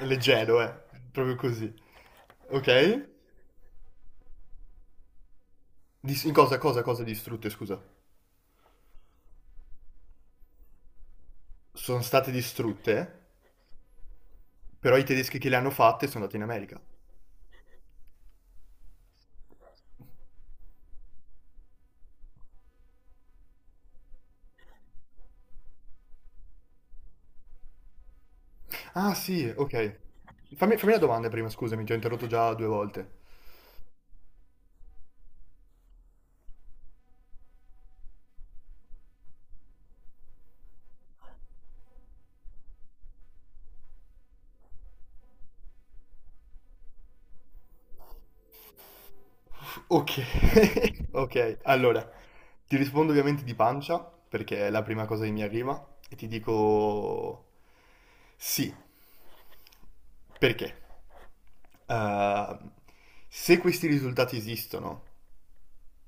Leggero, eh. Proprio così. Ok? In cosa distrutte, scusa? Sono state distrutte, però i tedeschi che le hanno fatte sono andati in America. Ah, sì, ok. Fammi la domanda prima, scusami, ti ho interrotto già due volte. Ok, ok, allora, ti rispondo ovviamente di pancia, perché è la prima cosa che mi arriva, e ti dico sì, perché? Eh, se questi risultati esistono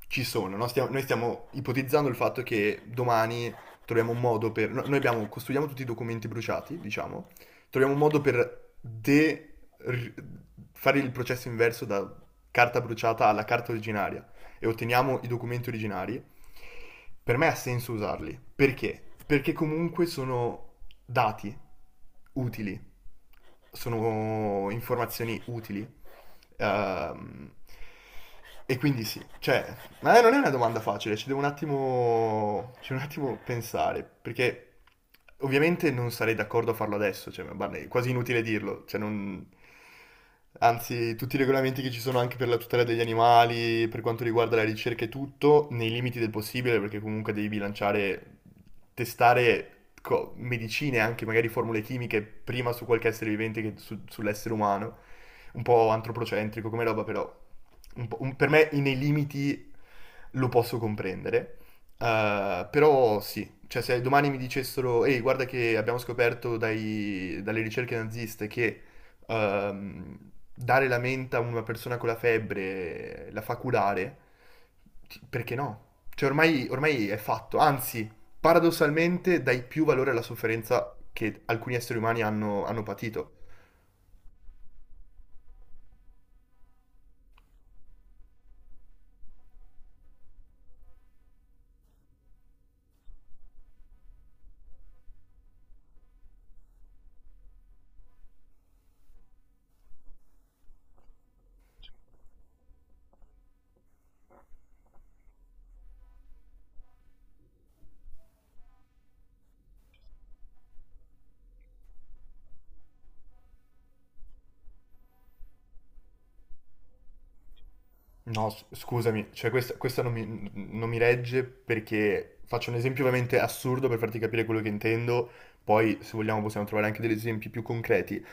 ci sono, no? Noi stiamo ipotizzando il fatto che domani troviamo un modo per... noi abbiamo, costruiamo tutti i documenti bruciati, diciamo, troviamo un modo per fare il processo inverso da carta bruciata alla carta originaria e otteniamo i documenti originari. Per me ha senso usarli. Perché? Perché comunque sono dati utili, sono informazioni utili. Ehm, e quindi sì, cioè, ma non è una domanda facile, ci devo un attimo, ci devo un attimo pensare, perché ovviamente non sarei d'accordo a farlo adesso, cioè, ma guarda, è quasi inutile dirlo, cioè non... Anzi, tutti i regolamenti che ci sono anche per la tutela degli animali, per quanto riguarda la ricerca e tutto, nei limiti del possibile, perché comunque devi bilanciare testare medicine, anche magari formule chimiche, prima su qualche essere vivente che sull'essere umano. Un po' antropocentrico come roba, però per me nei limiti lo posso comprendere. Però sì, cioè se domani mi dicessero, ehi, guarda che abbiamo scoperto dalle ricerche naziste che ehm, dare la menta a una persona con la febbre la fa curare, perché no? Cioè ormai, ormai è fatto, anzi, paradossalmente dai più valore alla sofferenza che alcuni esseri umani hanno, hanno patito. No, scusami, cioè questa non mi, non mi regge perché faccio un esempio ovviamente assurdo per farti capire quello che intendo, poi se vogliamo possiamo trovare anche degli esempi più concreti.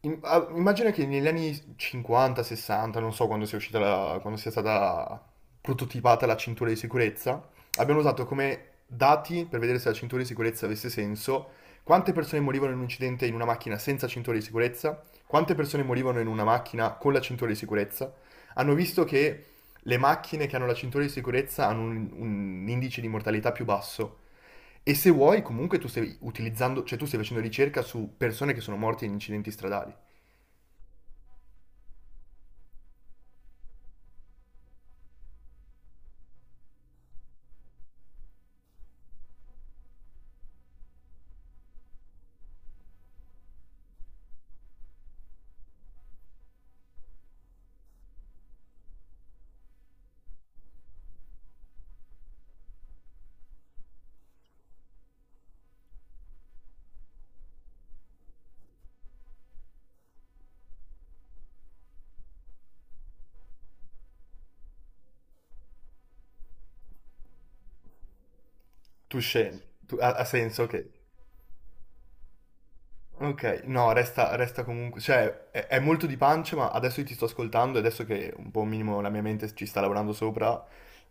Immagina che negli anni 50, 60, non so quando sia uscita quando sia stata prototipata la cintura di sicurezza, abbiamo usato come dati per vedere se la cintura di sicurezza avesse senso, quante persone morivano in un incidente in una macchina senza cintura di sicurezza, quante persone morivano in una macchina con la cintura di sicurezza. Hanno visto che le macchine che hanno la cintura di sicurezza hanno un indice di mortalità più basso. E se vuoi, comunque tu stai utilizzando, cioè tu stai facendo ricerca su persone che sono morte in incidenti stradali. Ha, ha senso che... Ok, no, resta, resta comunque, cioè è molto di pancia, ma adesso io ti sto ascoltando e adesso che un po' un minimo la mia mente ci sta lavorando sopra,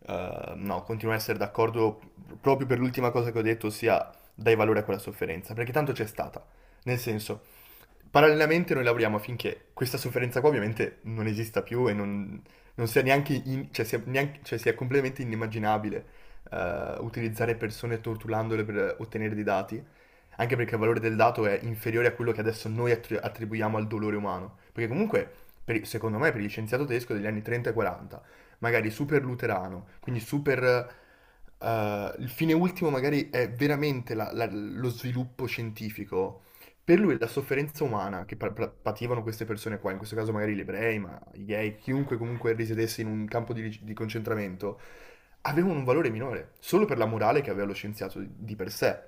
no, continuo a essere d'accordo proprio per l'ultima cosa che ho detto, ossia dai valore a quella sofferenza, perché tanto c'è stata. Nel senso, parallelamente noi lavoriamo affinché questa sofferenza qua ovviamente non esista più e non, non sia neanche, cioè sia, cioè sia completamente inimmaginabile utilizzare persone torturandole per ottenere dei dati, anche perché il valore del dato è inferiore a quello che adesso noi attribuiamo al dolore umano, perché comunque, secondo me, per gli scienziato tedesco degli anni 30 e 40, magari super luterano, quindi super... il fine ultimo magari è veramente lo sviluppo scientifico, per lui la sofferenza umana che pativano queste persone qua, in questo caso magari gli ebrei, ma i gay, chiunque comunque risiedesse in un campo di concentramento, avevano un valore minore, solo per la morale che aveva lo scienziato di per sé.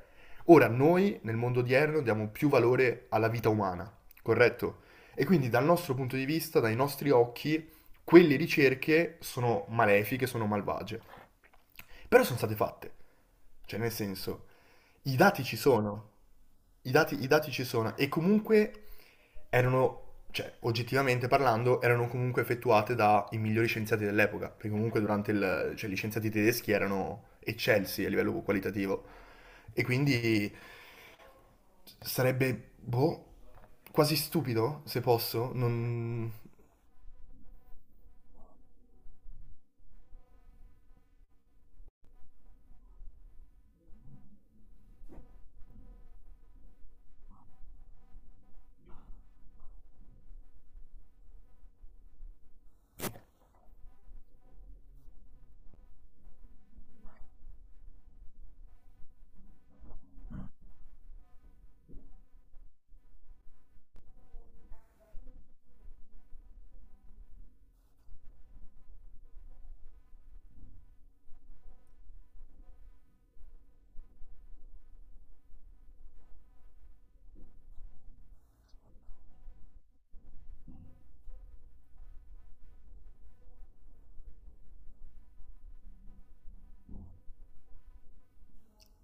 Ora noi nel mondo odierno diamo più valore alla vita umana, corretto? E quindi dal nostro punto di vista, dai nostri occhi, quelle ricerche sono malefiche, sono malvagie. Però sono state fatte. Cioè, nel senso, i dati ci sono. I dati ci sono. E comunque erano, cioè, oggettivamente parlando, erano comunque effettuate dai migliori scienziati dell'epoca. Perché comunque durante il... Cioè, gli scienziati tedeschi erano eccelsi a livello qualitativo. E quindi sarebbe, boh, quasi stupido, se posso, non...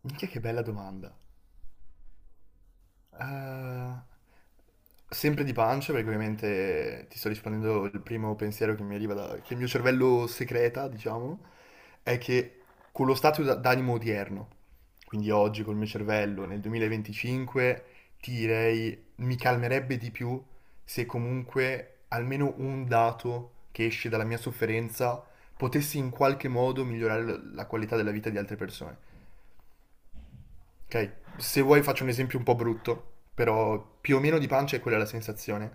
Minchia che bella domanda. Eh, sempre di pancia, perché ovviamente ti sto rispondendo il primo pensiero che mi arriva da, che il mio cervello secreta, diciamo, è che con lo stato d'animo odierno, quindi oggi col mio cervello nel 2025, ti direi mi calmerebbe di più se comunque almeno un dato che esce dalla mia sofferenza potessi in qualche modo migliorare la qualità della vita di altre persone. Ok, se vuoi faccio un esempio un po' brutto, però più o meno di pancia è quella la sensazione.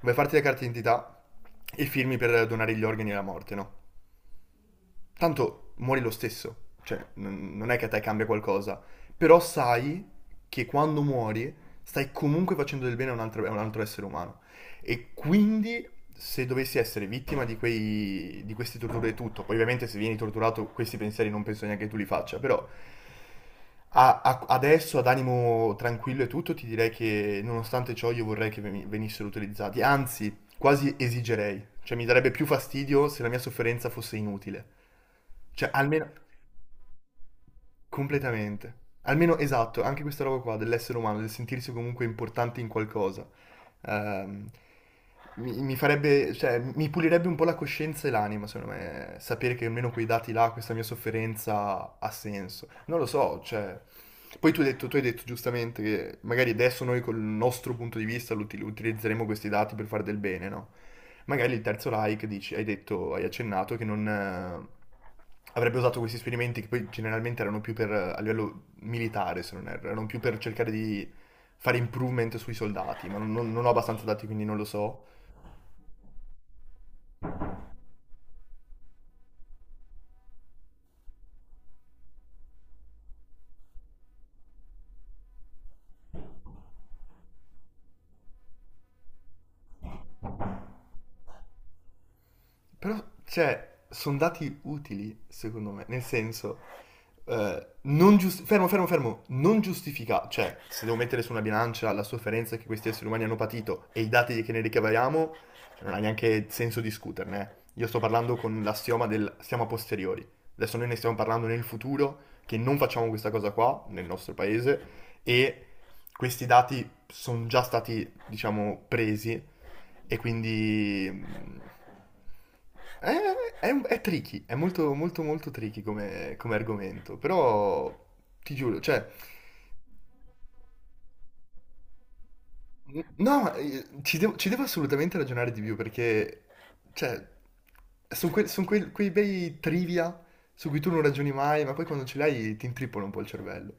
Vuoi farti la carta d'identità e firmi per donare gli organi alla morte, no? Tanto muori lo stesso, cioè non è che a te cambia qualcosa, però sai che quando muori stai comunque facendo del bene a un altro essere umano. E quindi se dovessi essere vittima di, quei, di queste torture e tutto, poi ovviamente se vieni torturato questi pensieri non penso neanche tu li faccia, però adesso ad animo tranquillo e tutto ti direi che nonostante ciò io vorrei che venissero utilizzati, anzi quasi esigerei. Cioè, mi darebbe più fastidio se la mia sofferenza fosse inutile. Cioè, almeno completamente. Almeno esatto, anche questa roba qua dell'essere umano, del sentirsi comunque importante in qualcosa. Ehm, Mi, mi farebbe, cioè, mi pulirebbe un po' la coscienza e l'anima, secondo me, sapere che almeno quei dati là, questa mia sofferenza ha senso. Non lo so, cioè, poi tu hai detto giustamente che magari adesso noi col nostro punto di vista utilizzeremo questi dati per fare del bene, no? Magari il terzo like, dici, hai detto, hai accennato che non avrebbe usato questi esperimenti che poi generalmente erano più per, a livello militare, se non erro, erano più per cercare di fare improvement sui soldati, ma non, non ho abbastanza dati quindi non lo so. Però, cioè, sono dati utili, secondo me, nel senso, non fermo, fermo, fermo, non giustifica, cioè, se devo mettere su una bilancia la sofferenza che questi esseri umani hanno patito e i dati che ne ricaviamo, cioè, non ha neanche senso discuterne. Eh. Io sto parlando con l'assioma del siamo a posteriori. Adesso noi ne stiamo parlando nel futuro, che non facciamo questa cosa qua, nel nostro paese, e questi dati sono già stati, diciamo, presi e quindi... mm, eh, è, è tricky, è molto molto molto tricky come, come argomento, però ti giuro, cioè, no, ci devo assolutamente ragionare di più perché, cioè, sono quei bei trivia su cui tu non ragioni mai, ma poi quando ce l'hai ti intrippola un po' il cervello.